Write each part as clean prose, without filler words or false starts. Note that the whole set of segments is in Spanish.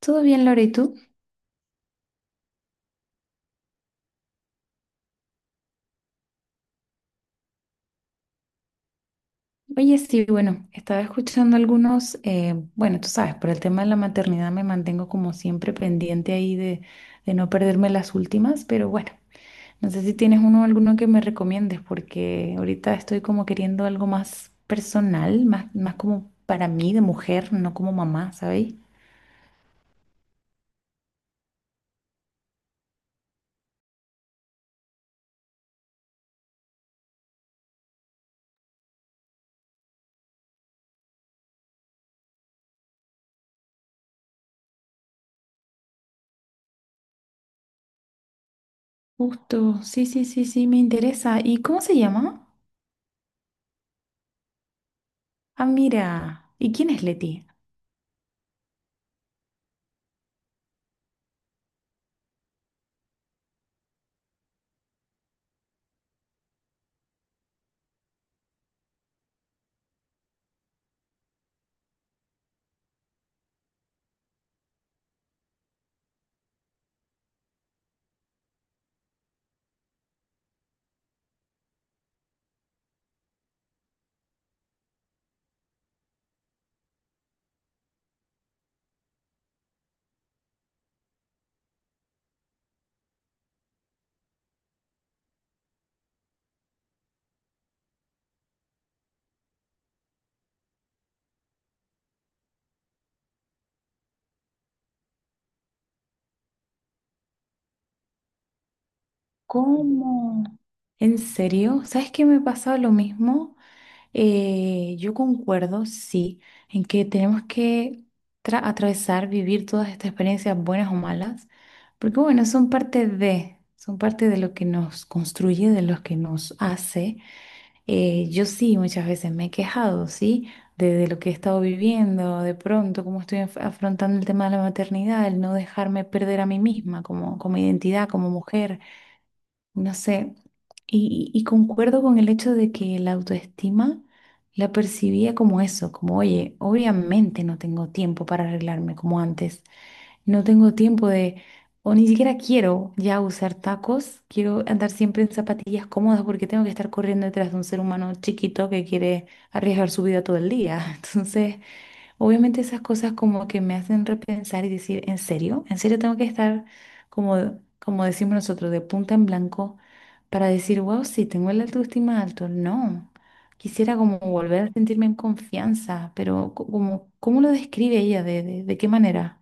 Todo bien, Laura, ¿y tú? Oye, sí, bueno, estaba escuchando algunos, bueno, tú sabes, por el tema de la maternidad me mantengo como siempre pendiente ahí de no perderme las últimas, pero bueno, no sé si tienes uno alguno que me recomiendes, porque ahorita estoy como queriendo algo más personal, más como para mí de mujer, no como mamá, ¿sabéis? Justo, sí, sí, sí, sí, me interesa. ¿Y cómo se llama? Ah, mira, ¿y quién es Leti? ¿Cómo? ¿En serio? ¿Sabes qué me pasaba lo mismo? Yo concuerdo, sí, en que tenemos que atravesar, vivir todas estas experiencias buenas o malas, porque bueno, son parte de lo que nos construye, de lo que nos hace. Yo sí, muchas veces me he quejado, ¿sí? De lo que he estado viviendo, de pronto, cómo estoy afrontando el tema de la maternidad, el no dejarme perder a mí misma como, como identidad, como mujer. No sé, y concuerdo con el hecho de que la autoestima la percibía como eso, como, oye, obviamente no tengo tiempo para arreglarme como antes, no tengo tiempo de, o ni siquiera quiero ya usar tacos, quiero andar siempre en zapatillas cómodas porque tengo que estar corriendo detrás de un ser humano chiquito que quiere arriesgar su vida todo el día. Entonces, obviamente esas cosas como que me hacen repensar y decir, ¿en serio? ¿En serio tengo que estar como, como decimos nosotros, de punta en blanco para decir, wow, sí, tengo el autoestima alto? No, quisiera como volver a sentirme en confianza, pero como, ¿cómo lo describe ella? ¿De qué manera?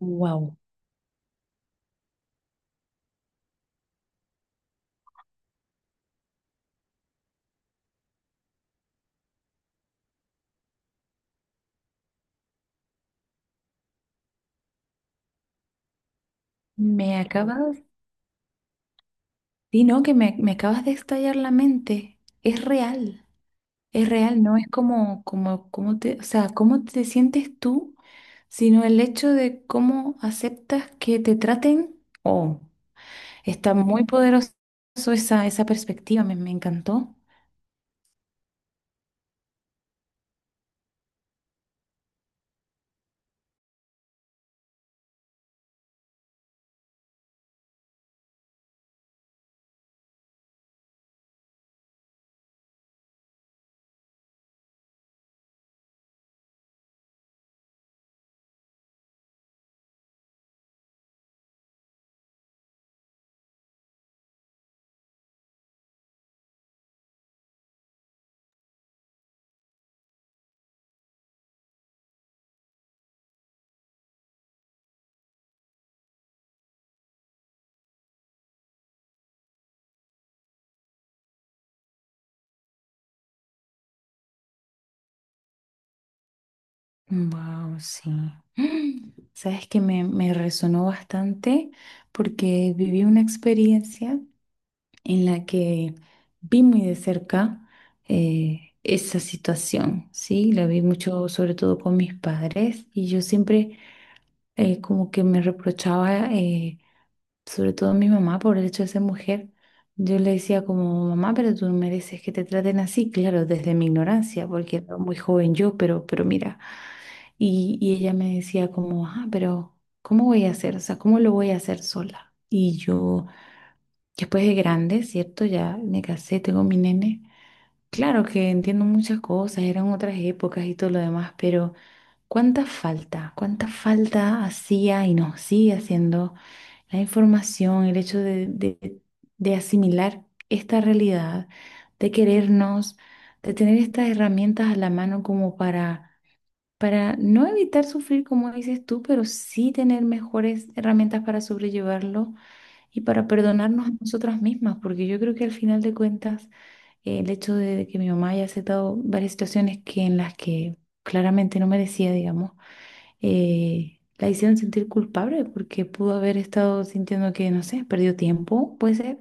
Wow, me acabas, sí, no, que me acabas de estallar la mente. Es real. Es real, no es como, como, como te, o sea, cómo te sientes tú, sino el hecho de cómo aceptas que te traten. Oh, está muy poderoso esa perspectiva, me encantó. Wow, sí. Mm, sabes que me resonó bastante porque viví una experiencia en la que vi muy de cerca, esa situación, ¿sí? La vi mucho, sobre todo con mis padres, y yo siempre, como que me reprochaba, sobre todo mi mamá, por el hecho de ser mujer. Yo le decía como, mamá, pero tú no mereces que te traten así, claro, desde mi ignorancia, porque era muy joven yo, pero mira, y ella me decía como, ah, pero ¿cómo voy a hacer? O sea, ¿cómo lo voy a hacer sola? Y yo, después de grande, ¿cierto? Ya me casé, tengo mi nene. Claro que entiendo muchas cosas, eran otras épocas y todo lo demás, pero ¿cuánta falta? ¿Cuánta falta hacía y nos sigue haciendo? La información, el hecho de asimilar esta realidad, de querernos, de tener estas herramientas a la mano como para no evitar sufrir, como dices tú, pero sí tener mejores herramientas para sobrellevarlo y para perdonarnos a nosotras mismas, porque yo creo que al final de cuentas, el hecho de que mi mamá haya aceptado varias situaciones que en las que claramente no merecía, digamos, la hicieron sentir culpable porque pudo haber estado sintiendo que, no sé, perdió tiempo, puede ser,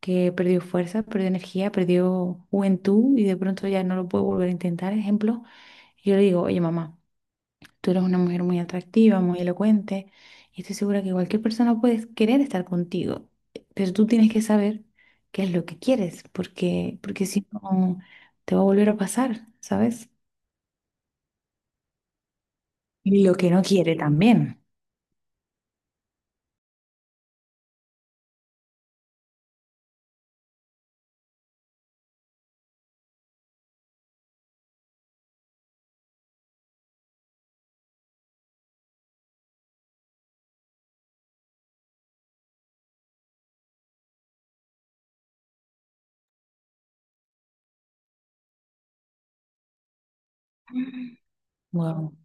que perdió fuerza, perdió energía, perdió juventud y de pronto ya no lo puede volver a intentar. Ejemplo, yo le digo, oye mamá, tú eres una mujer muy atractiva, muy elocuente y estoy segura que cualquier persona puede querer estar contigo, pero tú tienes que saber qué es lo que quieres porque, porque si no, te va a volver a pasar, ¿sabes? Y lo que no quiere también. Wow.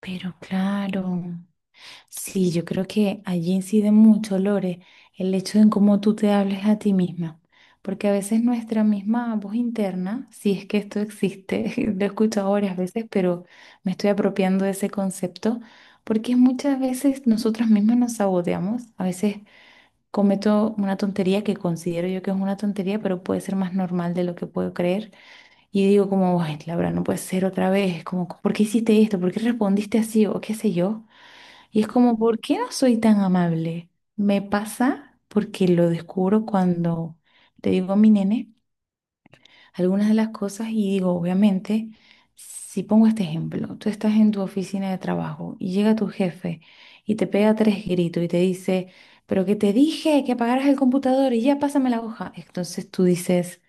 Pero claro, sí, yo creo que allí incide mucho, Lore, el hecho de en cómo tú te hables a ti misma, porque a veces nuestra misma voz interna, si es que esto existe, lo he escuchado varias veces, pero me estoy apropiando de ese concepto, porque muchas veces nosotras mismas nos saboteamos, a veces cometo una tontería que considero yo que es una tontería, pero puede ser más normal de lo que puedo creer. Y digo como, ay, Laura, no puede ser otra vez, como, ¿por qué hiciste esto? ¿Por qué respondiste así? O qué sé yo. Y es como, ¿por qué no soy tan amable? Me pasa porque lo descubro cuando le digo a mi nene algunas de las cosas y digo, obviamente, si pongo este ejemplo, tú estás en tu oficina de trabajo y llega tu jefe y te pega tres gritos y te dice, pero que te dije que apagaras el computador y ya pásame la hoja. Entonces tú dices...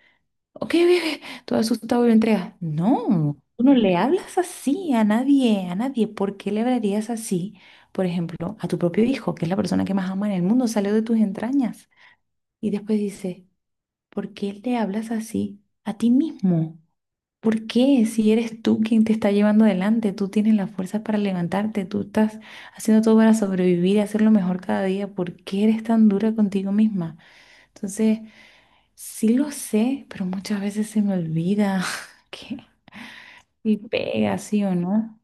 Ok, ok, ok, todo asustado y lo entrega. No, tú no le hablas así a nadie, a nadie. ¿Por qué le hablarías así, por ejemplo, a tu propio hijo, que es la persona que más ama en el mundo, salió de tus entrañas? Y después dice, ¿por qué le hablas así a ti mismo? ¿Por qué? Si eres tú quien te está llevando adelante, tú tienes las fuerzas para levantarte, tú estás haciendo todo para sobrevivir y hacerlo mejor cada día, ¿por qué eres tan dura contigo misma? Entonces... Sí lo sé, pero muchas veces se me olvida que y pega, ¿sí o no?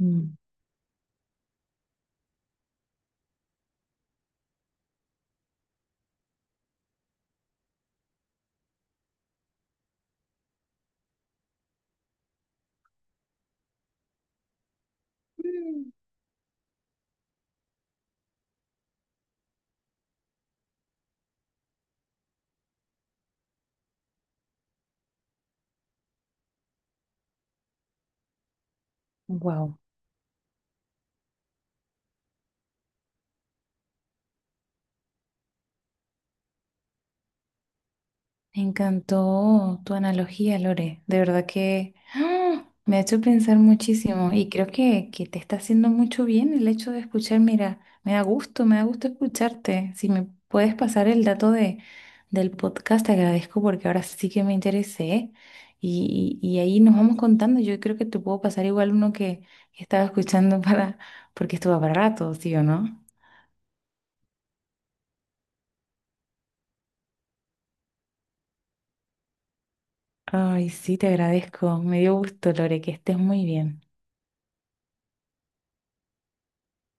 Mm. Wow. Me encantó tu analogía, Lore. De verdad que ¡ah! Me ha hecho pensar muchísimo y creo que te está haciendo mucho bien el hecho de escuchar. Mira, me da gusto escucharte. Si me puedes pasar el dato de, del podcast, te agradezco porque ahora sí que me interesé y ahí nos vamos contando. Yo creo que te puedo pasar igual uno que estaba escuchando para, porque estuvo para rato, ¿sí o no? Ay, sí, te agradezco. Me dio gusto, Lore, que estés muy bien.